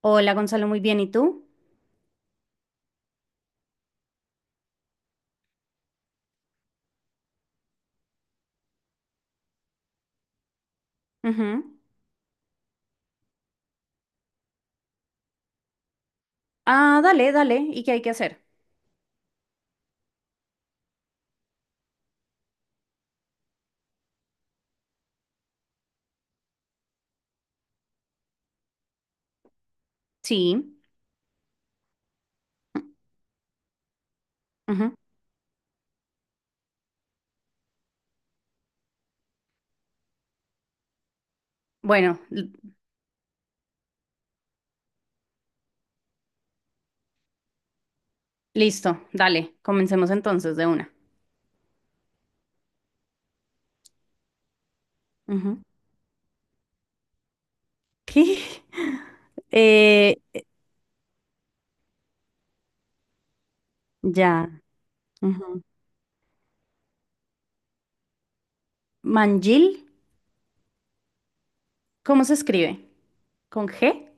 Hola Gonzalo, muy bien. ¿Y tú? Ujú. Ah, dale, dale. ¿Y qué hay que hacer? Sí. Ujú. Bueno, listo, dale. Comencemos entonces de una. Ujú. ¿Qué? Eh, ya. Ujú. ¿Mangil? ¿Cómo se escribe? ¿Con G?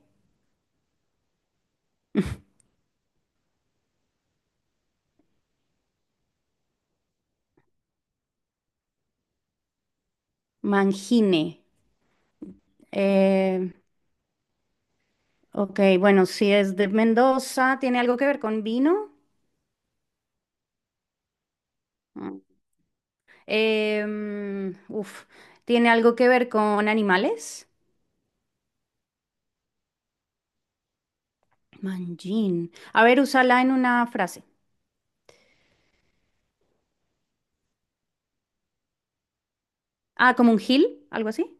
Mangine. Eh, ok, bueno, si es de Mendoza, ¿tiene algo que ver con vino? Mm. Em, uf, ¿Tiene algo que ver con animales? Manjín. A ver, úsala en una frase. Ah, como un gil, algo así.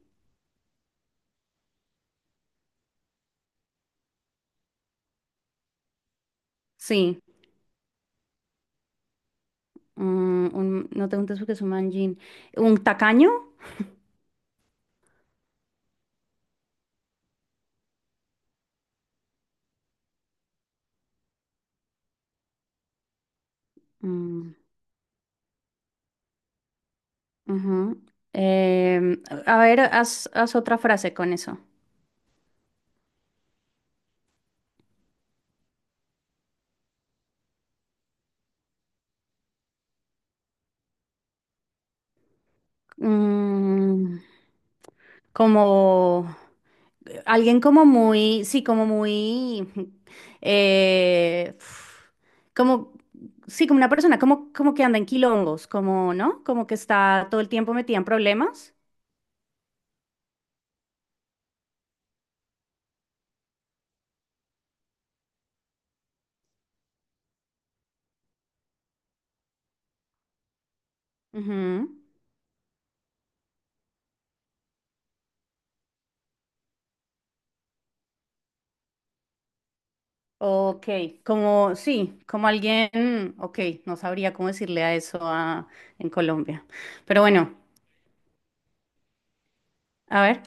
Sí. No te preguntes porque es un manjín. ¿Un tacaño? Mm, ujú. A ver, haz otra frase con eso. Mm, como alguien como muy, sí, como muy, eh, como, sí, como una persona, como, como que anda en quilombos, como, ¿no? Como que está todo el tiempo metida en problemas. Ujú. Ok, como sí, como alguien, ok, no sabría cómo decirle a eso en Colombia. Pero bueno, a ver.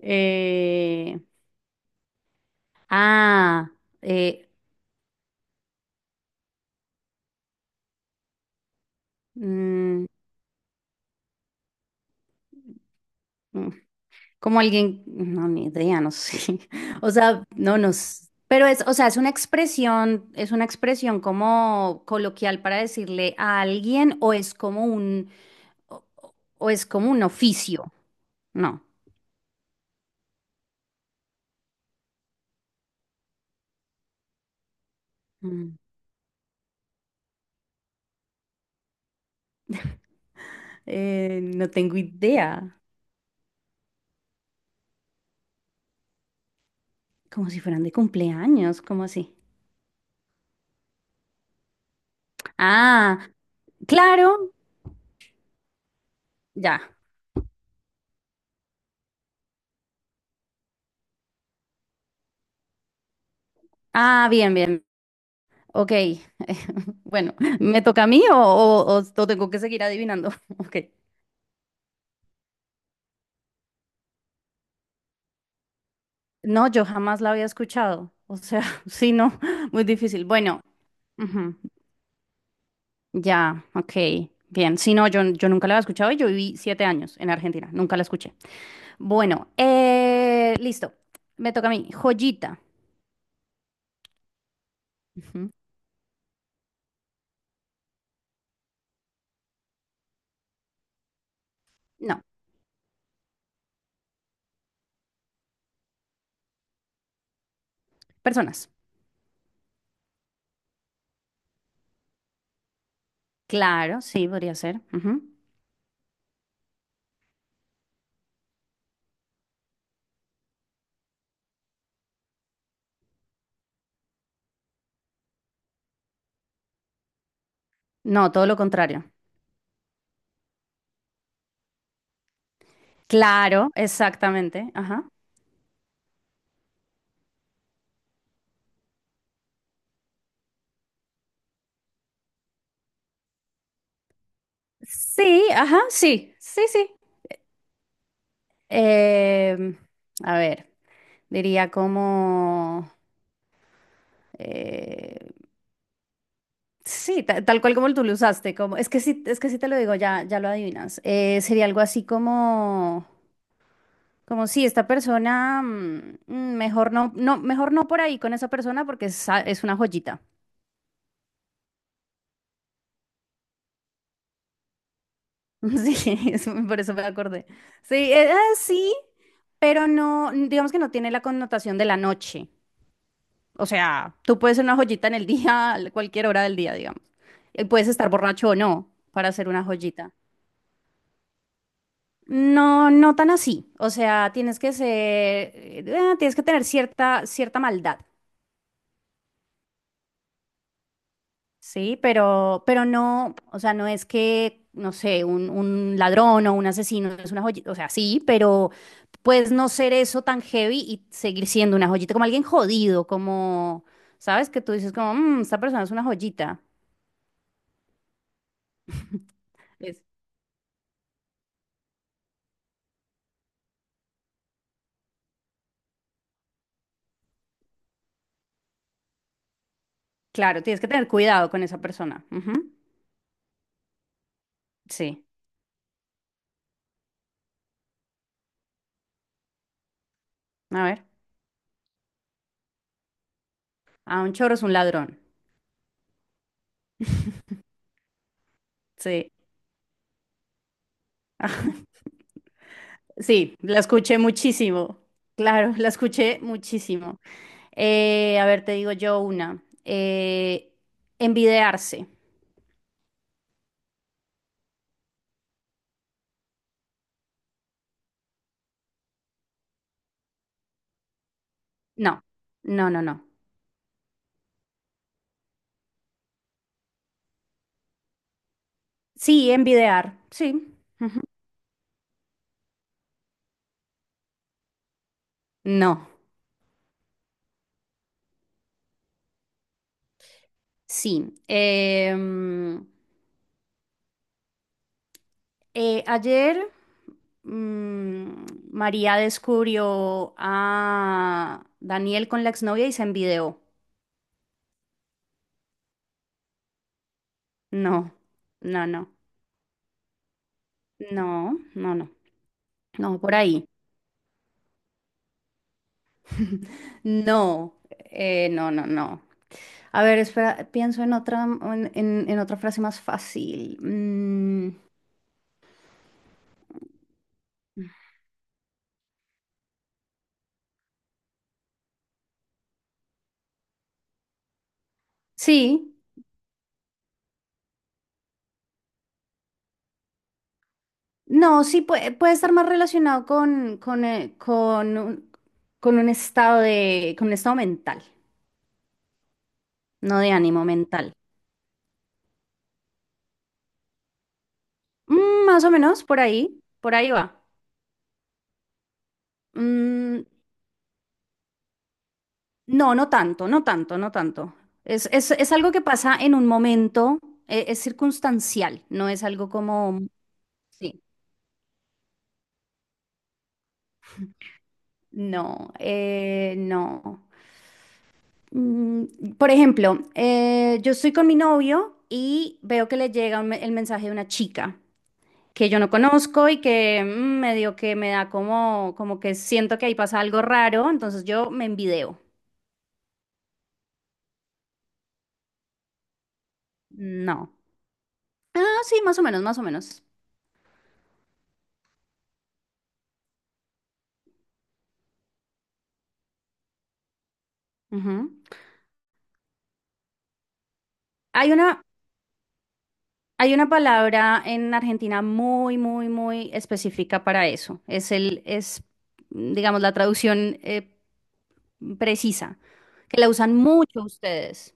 eh, ah, eh, mm, mm, como alguien, no, ni idea, no sé. O sea, no nos. Pero es, o sea, es una expresión como coloquial para decirle a alguien o es como un, o es como un oficio, no. No tengo idea. Como si fueran de cumpleaños, ¿cómo así? Ah, claro, ya. Ah, bien, bien. Ok. Bueno, ¿me toca a mí o, o tengo que seguir adivinando? Ok. No, yo jamás la había escuchado. O sea, sí, no, muy difícil. Bueno, ujú, ya, ok. Bien, sí, no, yo nunca la había escuchado y yo viví 7 años en Argentina, nunca la escuché. Bueno, listo. Me toca a mí. Joyita. Ujú. No, personas. Claro, sí, podría ser. Ujú. No, todo lo contrario. Claro, exactamente. Ajá. Sí, ajá, sí, sí, sí. Em, a ver, diría como... eh, sí, tal cual como tú lo usaste, como... es que sí te lo digo, ya, ya lo adivinas. Sería algo así como... Como si esta persona, mm, mm, mejor no, no, mejor no por ahí con esa persona porque es una joyita. Sí, por eso me acordé. Sí, sí, pero no, digamos que no tiene la connotación de la noche. O sea, tú puedes ser una joyita en el día, a cualquier hora del día, digamos. Puedes estar borracho o no para ser una joyita. No, no tan así. O sea, tienes que ser, tienes que tener cierta, cierta maldad. Sí, pero no, o sea, no es que, no sé, un ladrón o un asesino es una joyita, o sea, sí, pero puedes no ser eso tan heavy y seguir siendo una joyita, como alguien jodido, como, ¿sabes? Que tú dices como, "Mm, esta persona es una joyita". Es- claro, tienes que tener cuidado con esa persona. Ujú, sí, a ver, a un chorro es un ladrón. Sí, sí, la escuché muchísimo. Claro, la escuché muchísimo. A ver, te digo yo una. Envidiarse. No, no, no, no. Sí, envidiar. Sí. Ujú. No, sí. Ayer mm, María descubrió a Daniel con la exnovia y se envidió. No, no, no, no, no, no, no, por ahí. No, no, no, no. A ver, espera, pienso en otra, en otra frase más fácil. Mm, sí, no, sí puede, puede estar más relacionado con, con un estado de, con un estado mental, no de ánimo mental. Mm, más o menos, por ahí va. Mm, no, no tanto, no tanto, no tanto. Es algo que pasa en un momento, es circunstancial, no es algo como... Sí, no, no. Mm, por ejemplo, yo estoy con mi novio y veo que le llega el mensaje de una chica que yo no conozco y que mm, medio que me da como, como que siento que ahí pasa algo raro, entonces yo me envideo. No. Ah, sí, más o menos, más o menos. Ujú. Hay una, hay una palabra en Argentina muy, muy, muy específica para eso. Es, digamos, la traducción precisa, que la usan mucho ustedes.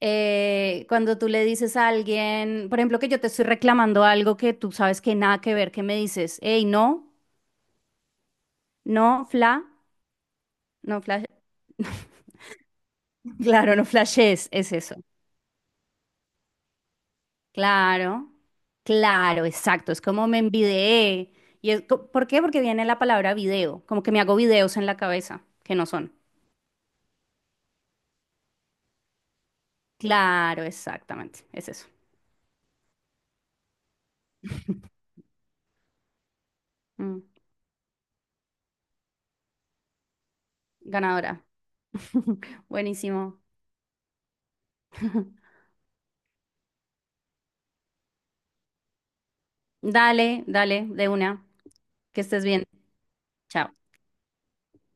Cuando tú le dices a alguien, por ejemplo, que yo te estoy reclamando algo que tú sabes que nada que ver, que me dices, hey, no, no, fla, no, flash, claro, no flashes, es eso. Claro, claro, exacto, es como me envidié. Y es co- ¿por qué? Porque viene la palabra video, como que me hago videos en la cabeza, que no son. Claro, exactamente, es eso. Mm, ganadora. Buenísimo. Dale, dale, de una. Que estés bien. Chao.